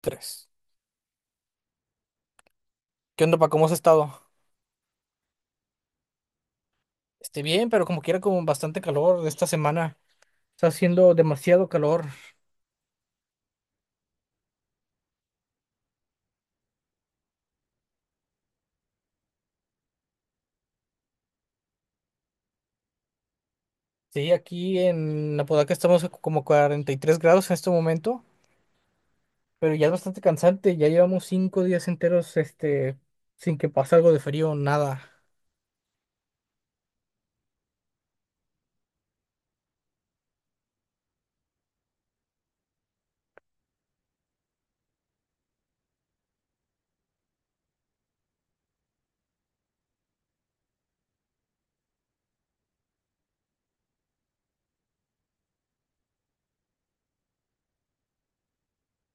Tres. ¿Qué onda, pa? ¿Cómo has estado? Esté bien, pero como quiera, con bastante calor de esta semana. Está haciendo demasiado calor. Sí, aquí en Apodaca estamos a como 43 grados en este momento, pero ya es bastante cansante. Ya llevamos 5 días enteros, sin que pase algo de frío, nada.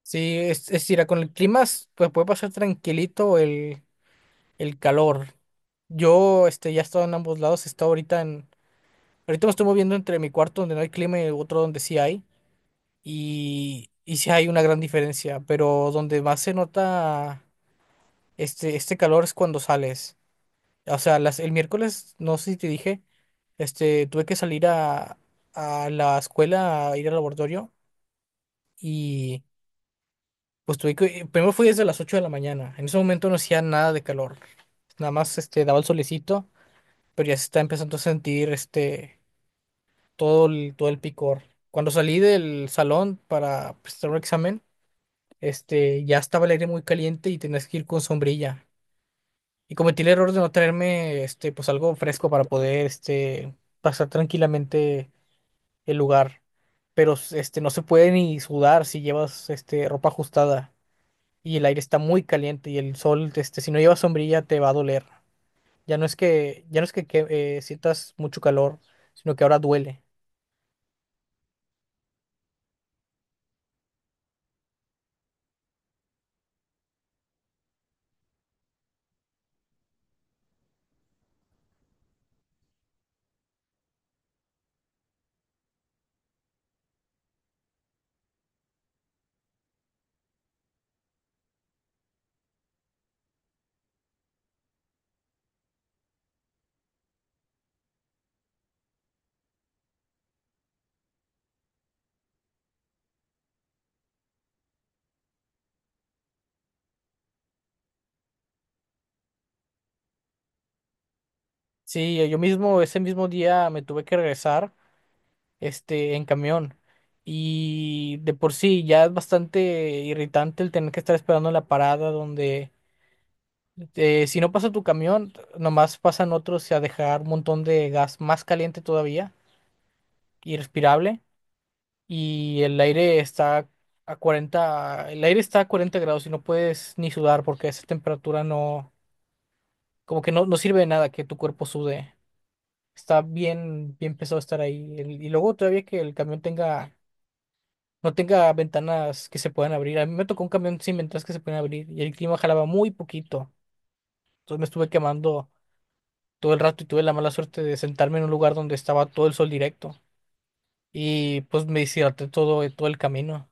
Sí, es ir con el clima, pues puede pasar tranquilito el calor. Yo, ya he estado en ambos lados. He estado ahorita en. Ahorita me estoy moviendo entre mi cuarto donde no hay clima y otro donde sí hay. Y sí hay una gran diferencia, pero donde más se nota este calor es cuando sales. O sea, el miércoles, no sé si te dije, tuve que salir a la escuela, a ir al laboratorio y pues tuve que, primero fui desde las 8 de la mañana. En ese momento no hacía nada de calor, nada más daba el solecito, pero ya se está empezando a sentir todo el picor. Cuando salí del salón para prestar un examen, ya estaba el aire muy caliente y tenías que ir con sombrilla. Y cometí el error de no traerme, pues algo fresco para poder, pasar tranquilamente el lugar. Pero, no se puede ni sudar si llevas, ropa ajustada y el aire está muy caliente y el sol, si no llevas sombrilla te va a doler. Ya no es que sientas mucho calor, sino que ahora duele. Sí, yo mismo ese mismo día me tuve que regresar en camión. Y de por sí ya es bastante irritante el tener que estar esperando en la parada donde si no pasa tu camión, nomás pasan otros a dejar un montón de gas más caliente todavía, irrespirable, y el aire está a 40 el aire está a 40 grados y no puedes ni sudar porque esa temperatura no, como que no sirve de nada que tu cuerpo sude. Está bien, bien pesado estar ahí. Y luego todavía que el camión tenga no tenga ventanas que se puedan abrir. A mí me tocó un camión sin ventanas que se pueden abrir y el clima jalaba muy poquito. Entonces me estuve quemando todo el rato y tuve la mala suerte de sentarme en un lugar donde estaba todo el sol directo y pues me deshidraté todo el camino.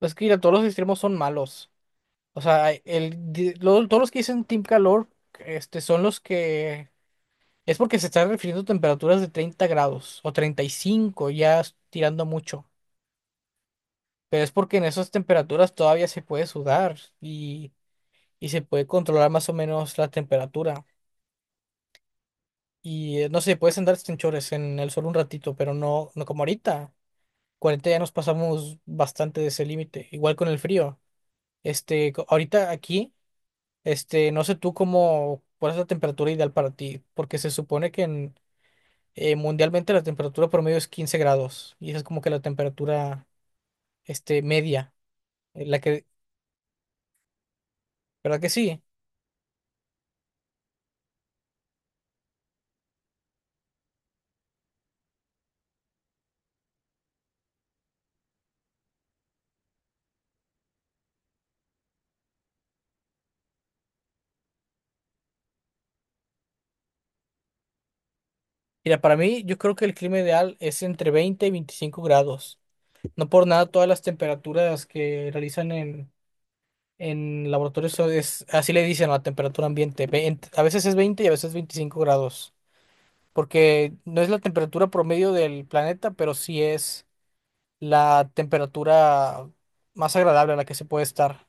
Es que mira, todos los extremos son malos. O sea, todos los que dicen Team Calor son los que... Es porque se están refiriendo a temperaturas de 30 grados o 35, ya es tirando mucho. Pero es porque en esas temperaturas todavía se puede sudar y se puede controlar más o menos la temperatura. Y no sé, puedes andar en chores en el sol un ratito, pero no, no como ahorita. 40 ya nos pasamos bastante de ese límite. Igual con el frío. Ahorita aquí, no sé tú cómo, cuál es la temperatura ideal para ti, porque se supone que mundialmente la temperatura promedio es 15 grados y esa es como que la temperatura, media, la que, ¿verdad que sí? Mira, para mí yo creo que el clima ideal es entre 20 y 25 grados. No por nada todas las temperaturas que realizan en laboratorios es, así le dicen a la temperatura ambiente. A veces es 20 y a veces 25 grados. Porque no es la temperatura promedio del planeta, pero sí es la temperatura más agradable a la que se puede estar.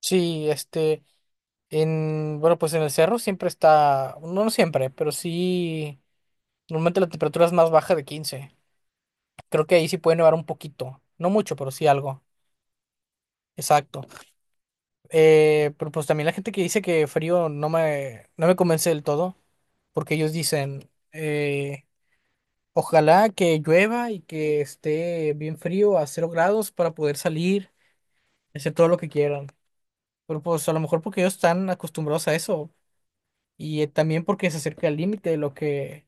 Sí, bueno, pues en el cerro siempre está, no no siempre, pero sí, normalmente la temperatura es más baja de 15. Creo que ahí sí puede nevar un poquito. No mucho, pero sí algo. Exacto. Pero pues también la gente que dice que frío no me convence del todo, porque ellos dicen, ojalá que llueva y que esté bien frío a 0 grados para poder salir, hacer todo lo que quieran. Pero pues a lo mejor porque ellos están acostumbrados a eso y también porque se acerca al límite de lo que,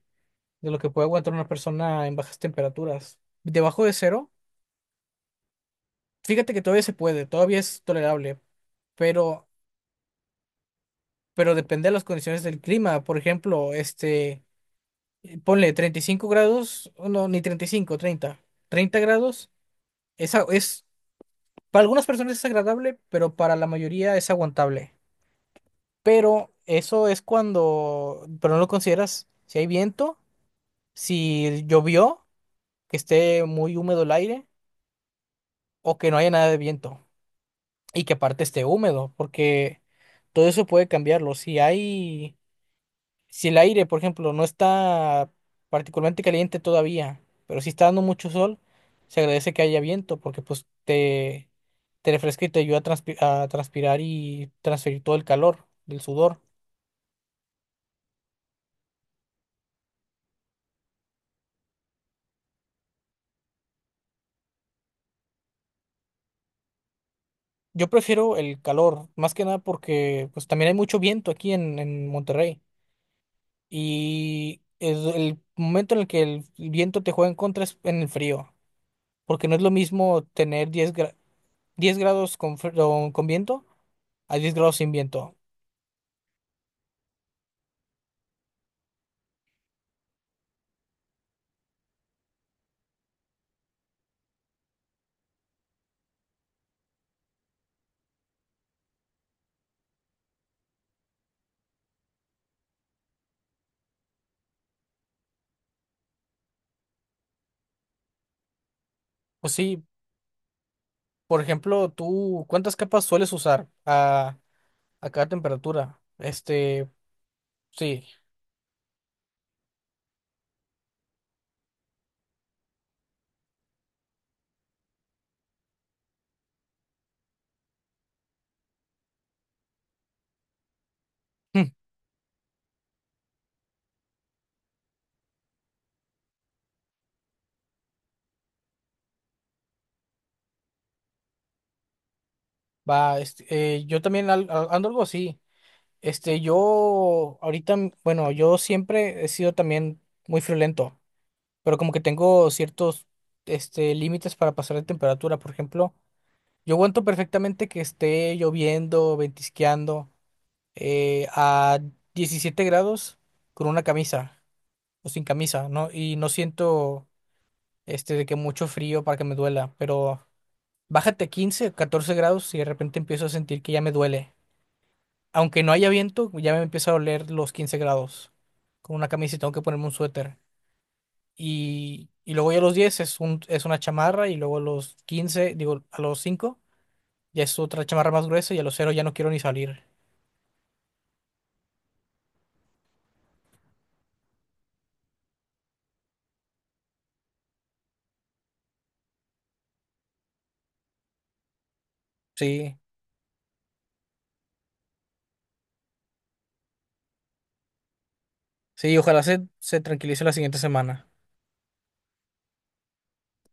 de lo que puede aguantar una persona en bajas temperaturas. Debajo de cero, fíjate que todavía se puede, todavía es tolerable, pero, pero depende de las condiciones del clima. Por ejemplo, ponle 35 grados, o no, ni 35, 30, 30 grados, esa es, para algunas personas es agradable, pero para la mayoría es aguantable. Pero eso es cuando, pero no lo consideras si hay viento, si llovió, que esté muy húmedo el aire, o que no haya nada de viento, y que aparte esté húmedo, porque todo eso puede cambiarlo. Si el aire, por ejemplo, no está particularmente caliente todavía, pero si está dando mucho sol, se agradece que haya viento porque pues te refresca y te ayuda a transpirar y transferir todo el calor del sudor. Yo prefiero el calor, más que nada porque pues también hay mucho viento aquí en Monterrey y es el momento en el que el viento te juega en contra es en el frío, porque no es lo mismo tener 10 grados con, fr- con viento a 10 grados sin viento. Pues sí. Por ejemplo, tú, ¿cuántas capas sueles usar a cada temperatura? Sí, hmm, va, yo también ando algo así. Yo ahorita, bueno, yo siempre he sido también muy friolento, pero como que tengo ciertos, límites para pasar de temperatura. Por ejemplo, yo aguanto perfectamente que esté lloviendo, ventisqueando, a 17 grados con una camisa o sin camisa, ¿no? Y no siento de que mucho frío para que me duela, pero bájate a 15, 14 grados y de repente empiezo a sentir que ya me duele. Aunque no haya viento, ya me empieza a doler los 15 grados con una camisa y tengo que ponerme un suéter. Y luego ya a los 10 es una chamarra y luego a los 15, digo, a los 5 ya es otra chamarra más gruesa y a los 0 ya no quiero ni salir. Sí, sí, ojalá se tranquilice la siguiente semana.